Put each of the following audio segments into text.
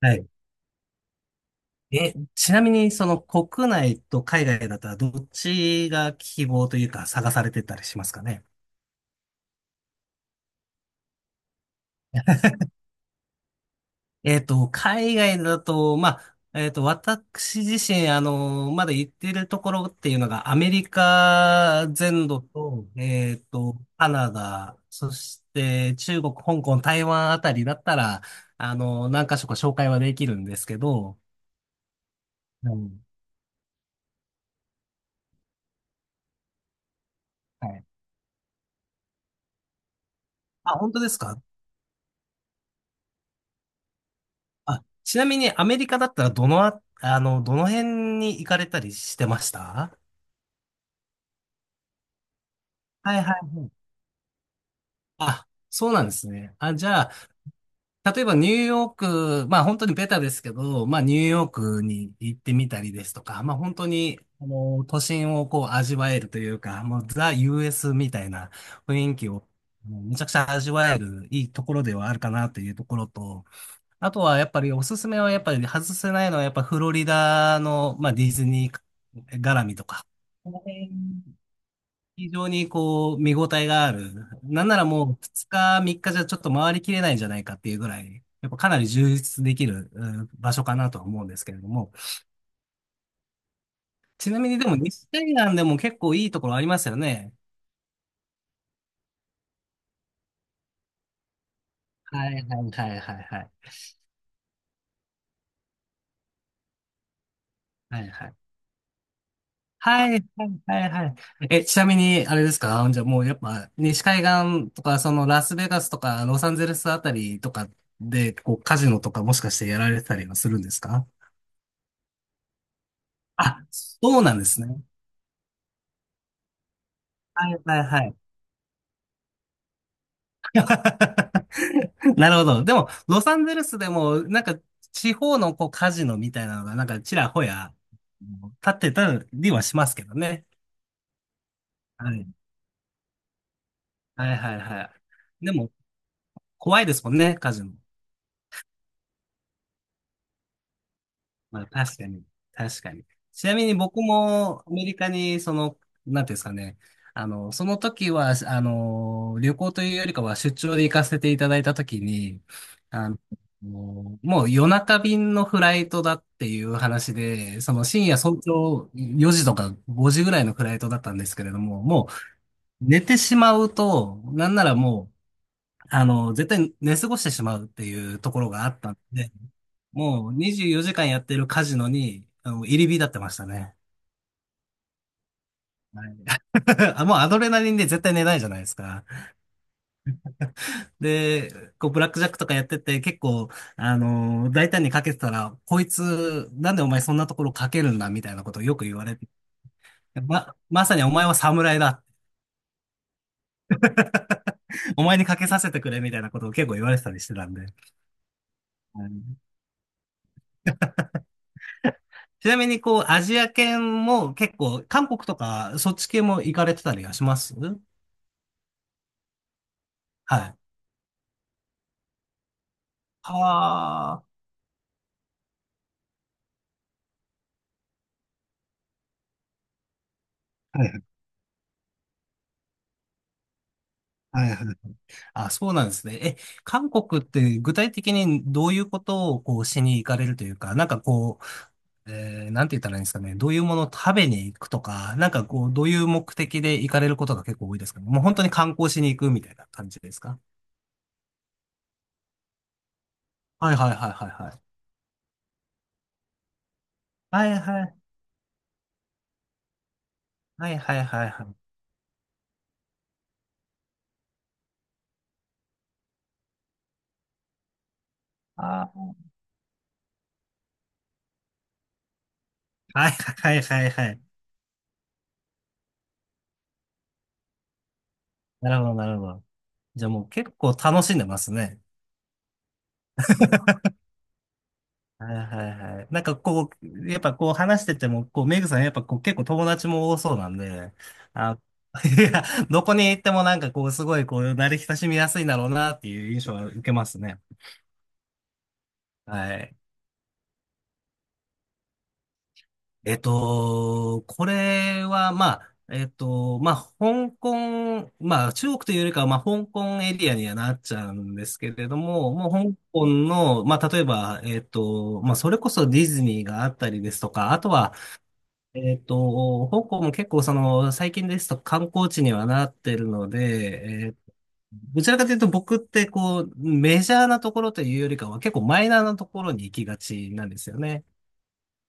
はい。ちなみに、その国内と海外だったらどっちが希望というか探されてたりしますかね。海外だと、まあ、私自身、まだ行ってるところっていうのが、アメリカ全土と、カナダ、そして中国、香港、台湾あたりだったら、何か所か紹介はできるんですけど、うん、はい。あ、本当ですか？あ、ちなみにアメリカだったらどのあ、あの、どの辺に行かれたりしてましたはいはいはい。あ、そうなんですね。あ、じゃあ、例えばニューヨーク、まあ本当にベタですけど、まあニューヨークに行ってみたりですとか、まあ本当に、都心をこう味わえるというか、もうザ・ US みたいな雰囲気を、もうめちゃくちゃ味わえるいいところではあるかなというところと、あとはやっぱりおすすめはやっぱり外せないのはやっぱフロリダの、まあ、ディズニー絡みとか。この辺非常にこう見応えがある。なんならもう2日3日じゃちょっと回りきれないんじゃないかっていうぐらい、やっぱかなり充実できる場所かなとは思うんですけれども。ちなみにでも西海岸でも結構いいところありますよね。はいはいはいはいはい。はいはいはい、はい、はい、はい。ちなみに、あれですか？じゃあもうやっぱね、西海岸とか、そのラスベガスとか、ロサンゼルスあたりとかで、こう、カジノとかもしかしてやられてたりはするんですか？あ、そうなんですね。はい、はい、はい。なるほど。でも、ロサンゼルスでも、なんか、地方のこう、カジノみたいなのが、なんか、ちらほや、立ってたりはしますけどね。はい、はい、はい、はい。でも、怖いですもんね、カジノ。まあ、確かに。確かに。ちなみに僕もアメリカに、なんていうんですかね。その時は、旅行というよりかは出張で行かせていただいた時に、あの、もう夜中便のフライトだっていう話で、その深夜早朝4時とか5時ぐらいのフライトだったんですけれども、もう寝てしまうと、なんならもう、絶対寝過ごしてしまうっていうところがあったんで、もう24時間やってるカジノに、入り浸ってましたね。はい。 あもうアドレナリンで絶対寝ないじゃないですか。で、こう、ブラックジャックとかやってて、結構、大胆にかけてたら、こいつ、なんでお前そんなところかけるんだみたいなことをよく言われて、まさにお前は侍だ。お前にかけさせてくれみたいなことを結構言われてたりしてたんで。はい。ちなみに、こう、アジア圏も結構、韓国とか、そっち系も行かれてたりはしますはい。はあ。はいはいはい。あ、そうなんですね。韓国って具体的にどういうことをこうしに行かれるというか、なんかこう、なんて言ったらいいんですかね。どういうものを食べに行くとか、なんかこう、どういう目的で行かれることが結構多いですかね。もう本当に観光しに行くみたいな感じですか？はいはいはいはいはい。はいはい。はいはいはいはい。あー、はいはいはいはいはい。なるほどなるほど。じゃあもう結構楽しんでますね。はいはいはい。なんかこう、やっぱこう話してても、こう、メグさんやっぱこう結構友達も多そうなんで、あ、いや、どこに行ってもなんかこう、すごいこう、慣れ親しみやすいんだろうなっていう印象は受けますね。はい。これは、まあ、まあ、香港、まあ、中国というよりかは、まあ、香港エリアにはなっちゃうんですけれども、もう香港の、まあ、例えば、まあ、それこそディズニーがあったりですとか、あとは、香港も結構その、最近ですと観光地にはなってるので、どちらかというと僕ってこう、メジャーなところというよりかは結構マイナーなところに行きがちなんですよね。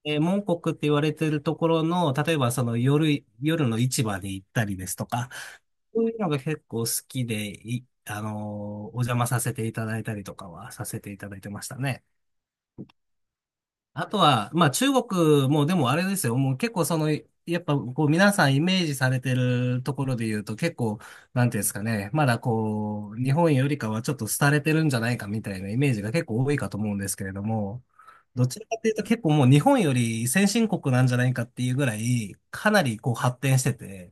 モンコクって言われてるところの、例えばその夜の市場に行ったりですとか、そういうのが結構好きで、い、あのーお邪魔させていただいたりとかはさせていただいてましたね。あとは、まあ中国もでもあれですよ。もう結構その、やっぱこう皆さんイメージされてるところで言うと結構、なんていうんですかね。まだこう、日本よりかはちょっと廃れてるんじゃないかみたいなイメージが結構多いかと思うんですけれども、どちらかというと結構もう日本より先進国なんじゃないかっていうぐらい、かなりこう発展してて、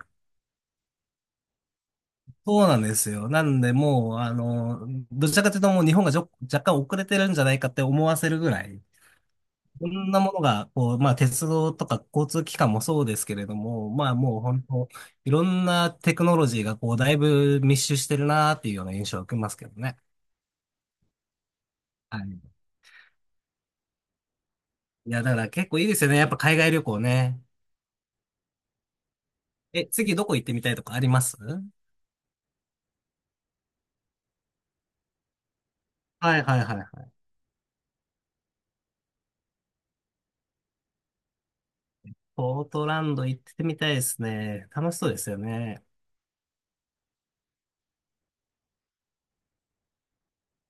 そうなんですよ。なんでもう、どちらかというともう日本が若干遅れてるんじゃないかって思わせるぐらい、いろんなものが、こう、まあ、鉄道とか交通機関もそうですけれども、まあ、もう本当、いろんなテクノロジーが、こう、だいぶ密集してるなーっていうような印象を受けますけどね。はい。いや、だから結構いいですよね。やっぱ海外旅行ね。次どこ行ってみたいとかありますはいはいはいはい。ポートランド行ってみたいですね。楽しそうですよね。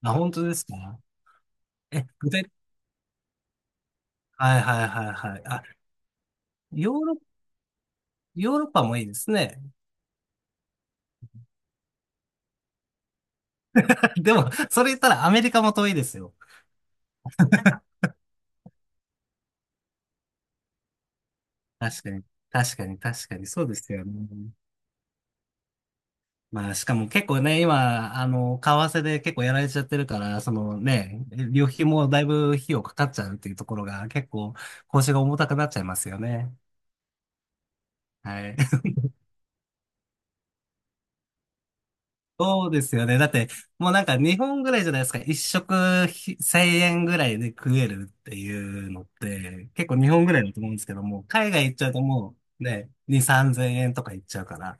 あ、本当ですか？具体、はいはいはいはい。あ、ヨーロ、ヨーロッパもいいですね。でも、それ言ったらアメリカも遠いですよ。確かに、確かに、確かに、そうですよね。まあ、しかも結構ね、今、為替で結構やられちゃってるから、そのね、旅費もだいぶ費用かかっちゃうっていうところが、結構、腰が重たくなっちゃいますよね。はい。そうですよね。だって、もうなんか日本ぐらいじゃないですか。一食1000円ぐらいで食えるっていうのって、結構日本ぐらいだと思うんですけども、海外行っちゃうともうね、2、3000円とか行っちゃうから。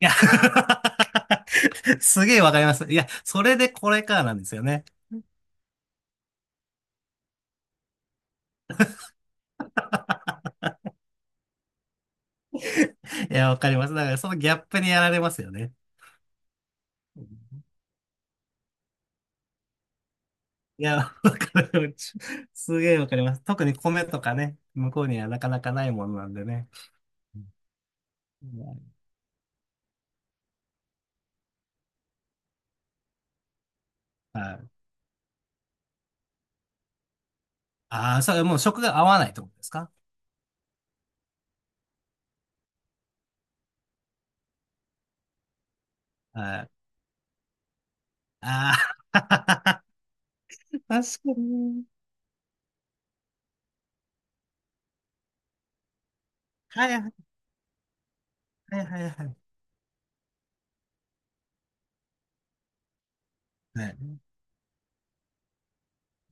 いや すげえわかります。いや、それでこれかなんですよね。いや、わかります。だからそのギャップにやられますよね。うん。いや、わかる。すげえわかります。特に米とかね、向こうにはなかなかないものなんでね。うん。はい。ああ、それもう食が合わないってことですか？はい。ああ、確かに。はいはいはいはいはい。はい、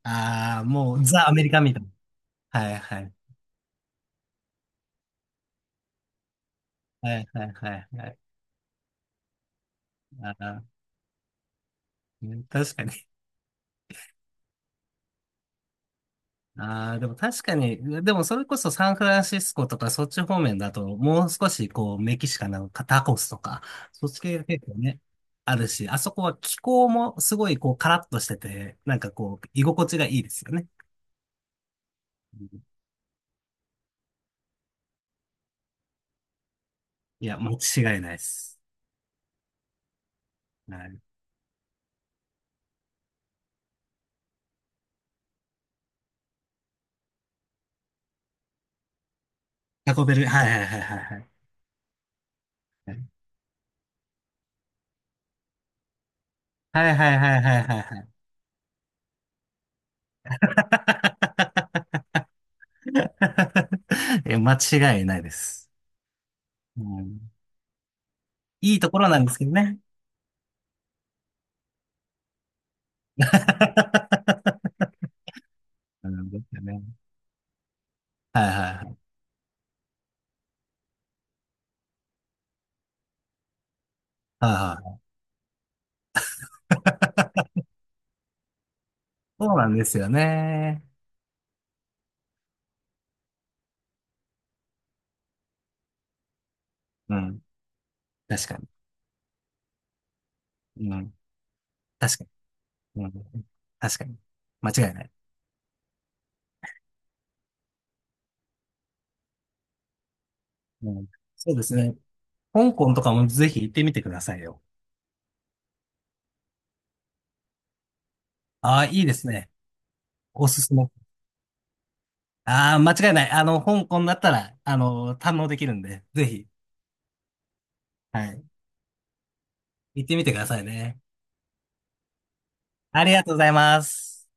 ああ、もうザ・アメリカみたいな。はいはい。はいはいはいはい。ああ、ね確かに。ああ、でも確かに、でもそれこそサンフランシスコとかそっち方面だと、もう少しこうメキシカンなタコスとか、そっち系が結構ね、あるし、あそこは気候もすごいこうカラッとしてて、なんかこう居心地がいいですよね。うん。いや、間違いないです。はい。タコベル、はいはいはいはいはい。はいはいはいはいはいはい。いや、間違いないです。うん、いいところなんですけどね。うん、ですよね。はいはいはい。はいはい。そうなんですよね。うん。確かに。うん。確かに。うん。確かに。間違いない。うん。そうですね。香港とかもぜひ行ってみてくださいよ。ああ、いいですね。おすすめ。ああ、間違いない。香港だったら、堪能できるんで、ぜひ、はい。行ってみてくださいね。ありがとうございます。